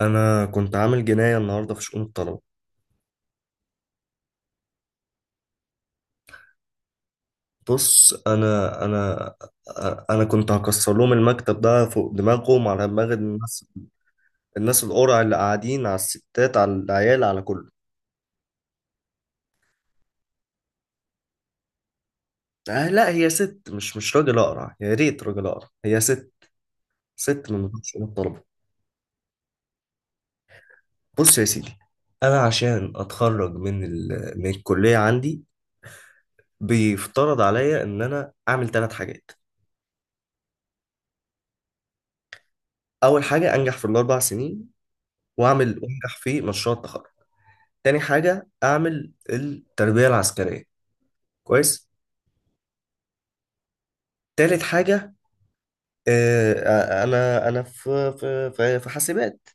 انا كنت عامل جناية النهاردة في شؤون الطلبة. بص انا كنت هكسر لهم المكتب ده فوق دماغهم، على دماغ الناس، الناس القرع اللي قاعدين على الستات، على العيال، على كله. آه لا، هي ست، مش راجل اقرع، يا ريت راجل اقرع، هي ست، ست من بتوع شؤون الطلبة. بص يا سيدي، انا عشان اتخرج من الكلية عندي بيفترض عليا ان انا اعمل ثلاث حاجات. اول حاجة انجح في الاربع سنين، واعمل وانجح في مشروع التخرج. تاني حاجة أعمل التربية العسكرية، كويس. تالت حاجة، آه، أنا في حاسبات،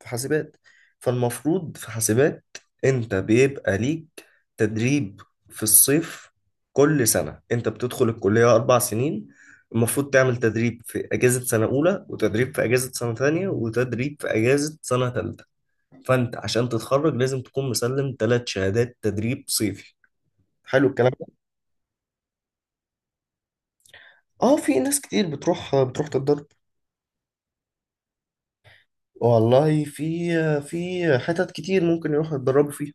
في حاسبات، فالمفروض في حاسبات أنت بيبقى ليك تدريب في الصيف. كل سنة أنت بتدخل الكلية أربع سنين المفروض تعمل تدريب في أجازة سنة أولى، وتدريب في أجازة سنة تانية، وتدريب في أجازة سنة تالتة. فأنت عشان تتخرج لازم تكون مسلم تلات شهادات تدريب صيفي. حلو الكلام. اه، في ناس كتير بتروح تتدرب. والله في في حتت كتير ممكن يروحوا يتدربوا فيها.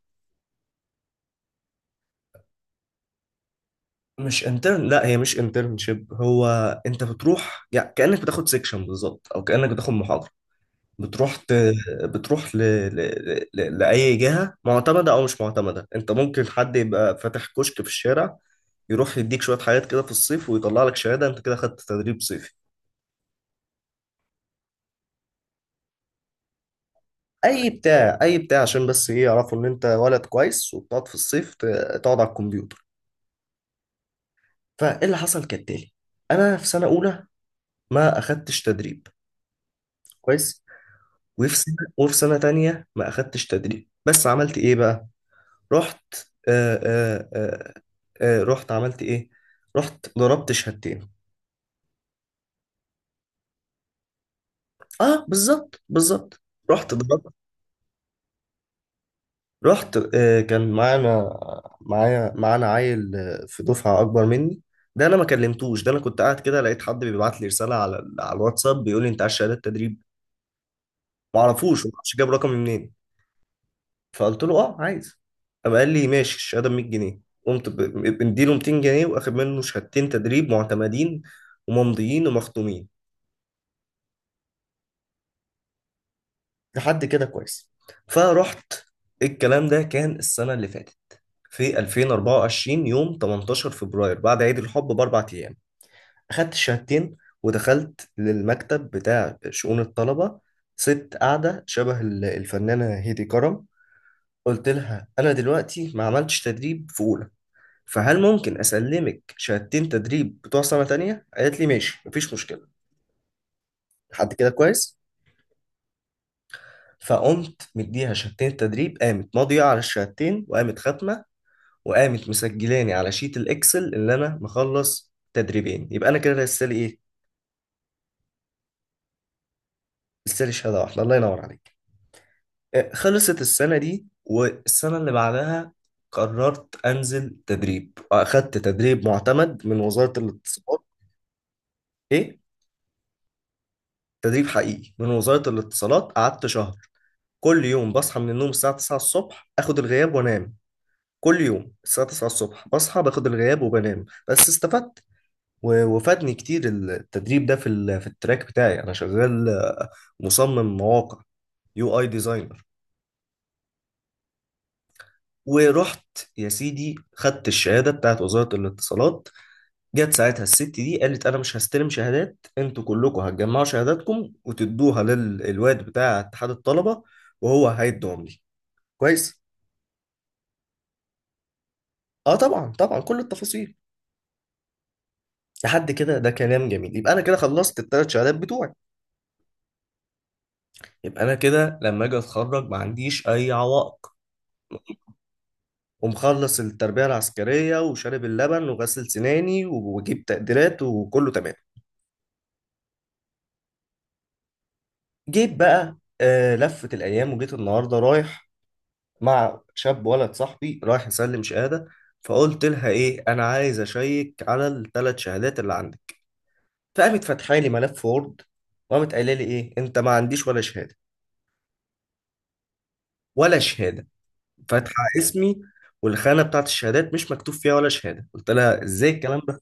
مش انترن، لا، هي مش انترنشيب، هو انت بتروح يعني كأنك بتاخد سيكشن بالظبط، او كأنك بتاخد محاضرة. بتروح ت... بتروح ل... ل... ل... لأي جهة معتمدة او مش معتمدة، انت ممكن حد يبقى فاتح كشك في الشارع، يروح يديك شوية حاجات كده في الصيف ويطلع لك شهادة، انت كده خدت تدريب صيفي. اي بتاع اي بتاع، عشان بس ايه، يعرفوا ان انت ولد كويس وبتقعد في الصيف تقعد على الكمبيوتر. فايه اللي حصل كالتالي، انا في سنه اولى ما اخدتش تدريب، كويس. وفي سنه تانية ما اخدتش تدريب، بس عملت ايه بقى؟ رحت، آه آه آه رحت عملت ايه، رحت ضربت شهادتين. اه بالظبط بالظبط، رحت ضربت، رحت. كان معانا، معانا عيل، في دفعه اكبر مني. ده انا ما كلمتوش، ده انا كنت قاعد كده لقيت حد بيبعت لي رساله على الواتساب بيقول لي انت عايز شهاده تدريب. ما اعرفوش، ما اعرفش جاب رقمي منين. فقلت له اه عايز، قام قال لي ماشي الشهاده ب 100 جنيه، قمت ب- مديله 200 جنيه، واخد منه شهادتين تدريب معتمدين، وممضيين ومختومين. لحد كده كويس، فرحت. الكلام ده كان السنه اللي فاتت، في 2024 يوم 18 فبراير، بعد عيد الحب باربع ايام، اخدت الشهادتين ودخلت للمكتب بتاع شؤون الطلبه. ست قاعده شبه الفنانه هيدي كرم. قلت لها انا دلوقتي ما عملتش تدريب في اولى، فهل ممكن اسلمك شهادتين تدريب بتوع سنه تانية؟ قالت لي ماشي مفيش مشكله. لحد كده كويس. فقمت مديها شهادتين تدريب، قامت ماضيه على الشهادتين وقامت ختمه، وقامت مسجلاني على شيت الاكسل اللي انا مخلص تدريبين، يبقى انا كده لسه لي ايه، لسه لي شهاده واحده. الله ينور عليك. خلصت السنه دي، والسنه اللي بعدها قررت انزل تدريب، واخدت تدريب معتمد من وزاره الاتصالات. ايه، تدريب حقيقي من وزاره الاتصالات، قعدت شهر. كل يوم بصحى من النوم الساعة 9 الصبح، اخد الغياب وانام. كل يوم الساعة 9 الصبح بصحى باخد الغياب وبنام، بس استفدت وفادني كتير التدريب ده في في التراك بتاعي، انا شغال، مصمم مواقع، يو اي ديزاينر. ورحت يا سيدي خدت الشهادة بتاعت وزارة الاتصالات. جت ساعتها الست دي قالت انا مش هستلم شهادات، انتوا كلكم هتجمعوا شهاداتكم وتدوها للواد بتاع اتحاد الطلبة، وهو هيدوهم لي. كويس. اه طبعا طبعا، كل التفاصيل. لحد كده ده كلام جميل، يبقى انا كده خلصت الثلاث شهادات بتوعي. يبقى انا كده لما اجي اتخرج ما عنديش اي عوائق، ومخلص التربية العسكرية، وشارب اللبن، وغسل سناني، وجيب تقديرات، وكله تمام. جيت بقى، لفت الايام وجيت النهارده رايح مع شاب ولد صاحبي رايح يسلم شهادة. فقلت لها ايه، انا عايز اشيك على الثلاث شهادات اللي عندك. فقامت فاتحه لي ملف وورد، وقامت قايله لي ايه، انت ما عنديش ولا شهادة، ولا شهادة، فاتحه اسمي والخانه بتاعت الشهادات مش مكتوب فيها ولا شهاده. قلت لها ازاي الكلام ده؟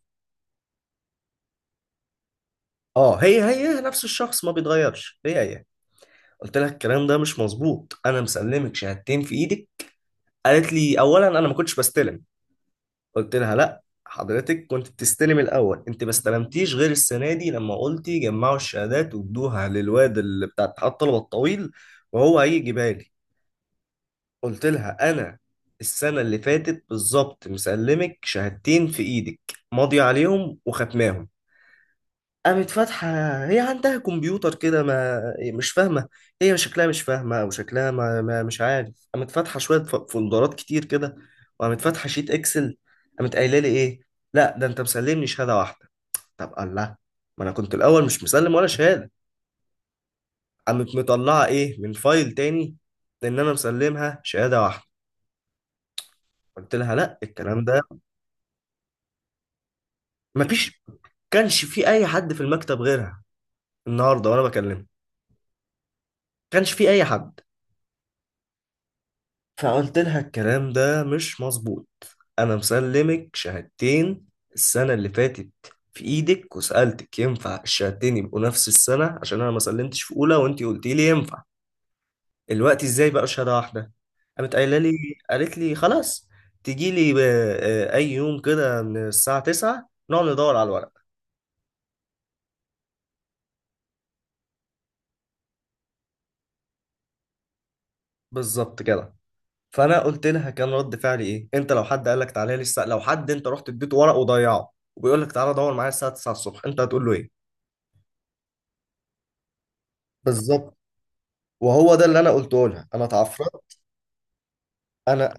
اه، هي هي نفس الشخص ما بيتغيرش، هي هي. قلت لها الكلام ده مش مظبوط، انا مسلمك شهادتين في ايدك. قالت لي اولا انا ما كنتش بستلم. قلت لها لا، حضرتك كنت بتستلم الاول، انت ما استلمتيش غير السنه دي، لما قلتي جمعوا الشهادات وادوها للواد اللي بتاع اتحاد الطلبه الطويل وهو هيجيبها لي. قلت لها انا السنه اللي فاتت بالظبط مسلمك شهادتين في ايدك، ماضي عليهم وختماهم. قامت فاتحه، هي عندها كمبيوتر كده، ما مش فاهمه، هي شكلها مش فاهمه، او شكلها ما... ما مش عارف، قامت فاتحه شويه فولدرات كتير كده، وقامت فاتحه شيت اكسل، قامت قايله لي ايه، لا ده انت مسلمني شهاده واحده. طب الله، ما انا كنت الاول مش مسلم ولا شهاده. قامت مطلعه ايه من فايل تاني، ان انا مسلمها شهاده واحده. قلت لها لا، الكلام ده مفيش، كانش في اي حد في المكتب غيرها النهارده وانا بكلمها، كانش في اي حد. فقلت لها الكلام ده مش مظبوط، انا مسلمك شهادتين السنه اللي فاتت في ايدك، وسالتك ينفع الشهادتين يبقوا نفس السنه عشان انا ما سلمتش في اولى، وانت قلتي لي ينفع، الوقت ازاي بقى شهاده واحده؟ قامت قايله لي، قالت لي خلاص تجي لي اي يوم كده من الساعه 9 نقعد ندور على الورق. بالظبط كده. فانا قلت لها كان رد فعلي ايه، انت لو حد قال لك تعالى لي الساعه، لو حد انت رحت اديته ورق وضيعه وبيقول لك تعالى دور معايا الساعه 9 الصبح، انت هتقول له ايه؟ بالظبط، وهو ده اللي انا قلته لها، انا اتعفرت، انا،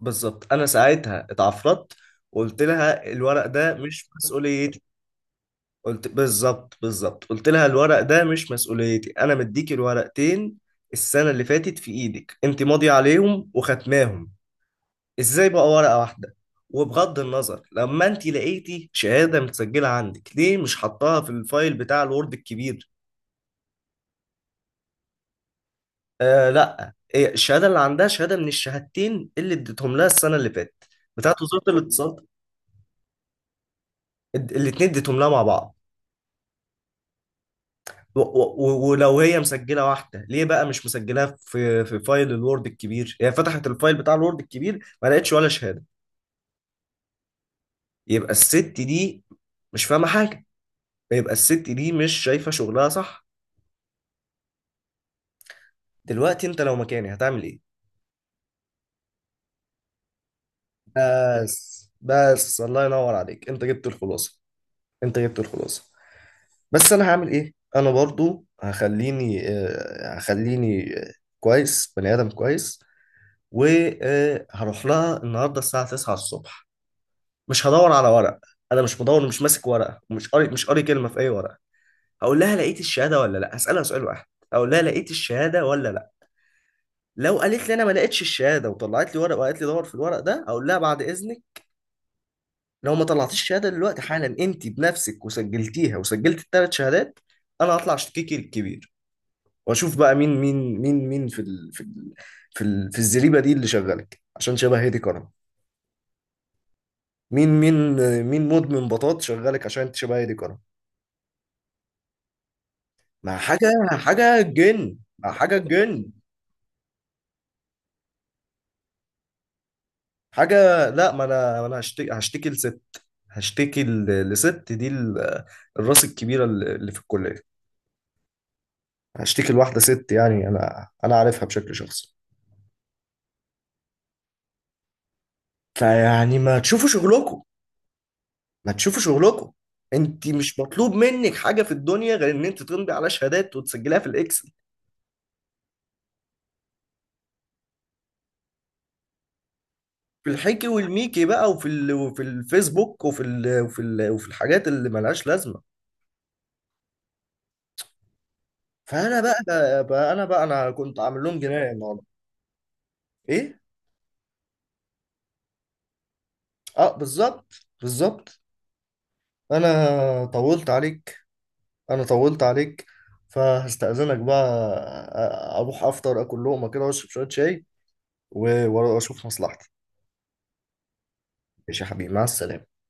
بالظبط انا ساعتها اتعفرت، وقلت لها الورق ده مش مسؤوليتي. قلت بالظبط بالظبط، قلت لها الورق ده مش مسؤوليتي، انا مديكي الورقتين السنه اللي فاتت في ايدك، انت ماضيه عليهم وختماهم، ازاي بقى ورقة واحدة؟ وبغض النظر، لما انت لقيتي شهادة متسجلة عندك، ليه مش حطاها في الفايل بتاع الوورد الكبير؟ آه لا، إيه الشهادة اللي عندها، شهادة من الشهادتين اللي اديتهم لها السنة اللي فاتت، بتاعت وزارة الاتصالات، الاتنين اديتهم لها مع بعض. ولو هي مسجلة واحدة، ليه بقى مش مسجلاها في في فايل الوورد الكبير؟ هي فتحت الفايل بتاع الوورد الكبير ما لقتش ولا شهادة. يبقى الست دي مش فاهمة حاجة، يبقى الست دي مش شايفة شغلها صح. دلوقتي انت لو مكاني هتعمل ايه؟ بس بس، الله ينور عليك، انت جبت الخلاصه، انت جبت الخلاصه. بس انا هعمل ايه، انا برضو هخليني، هخليني، كويس، بني ادم كويس، وهروح لها النهارده الساعه 9 الصبح. مش هدور على ورق، انا مش بدور، مش ماسك ورقه، ومش قاري، مش قاري كلمه في اي ورقه. هقول لها لقيت الشهاده ولا لا، هسالها سؤال واحد، اقول لها لقيت الشهاده ولا لا. لو قالت لي انا ما لقيتش الشهاده وطلعت لي ورق وقالت لي دور في الورق ده، اقول لها بعد اذنك، لو ما طلعتيش الشهاده دلوقتي حالا انت بنفسك وسجلتيها وسجلت الثلاث شهادات، انا هطلع اشتكيكي الكبير. واشوف بقى مين مين، مين مين في ال في ال في الزريبه دي اللي شغالك عشان شبه هادي كرم، مين مين، مين مدمن بطاط شغالك عشان انت شبه هادي كرم. ما حاجه حاجه جن، ما حاجه جن، حاجه. لا، ما انا، هشتكي، هشتكي لست لست دي الراس الكبيره اللي في الكليه. هشتكي لواحده ست، يعني انا عارفها بشكل شخصي. فيعني ما تشوفوا شغلكم، ما تشوفوا شغلكم، انت مش مطلوب منك حاجه في الدنيا غير ان انت تمضي على شهادات وتسجليها في الاكسل. في الحكي والميكي بقى، وفي ال... وفي الفيسبوك، وفي ال... وفي ال... وفي الحاجات اللي ملهاش لازمه. فانا بقى انا كنت عامل لهم جنايه النهارده. ايه، اه بالظبط بالظبط. انا طولت عليك، انا طولت عليك، فهستأذنك بقى، اروح افطر اكل لقمه كده واشرب شويه شاي واشوف مصلحتي. ماشي يا حبيبي، مع السلامه.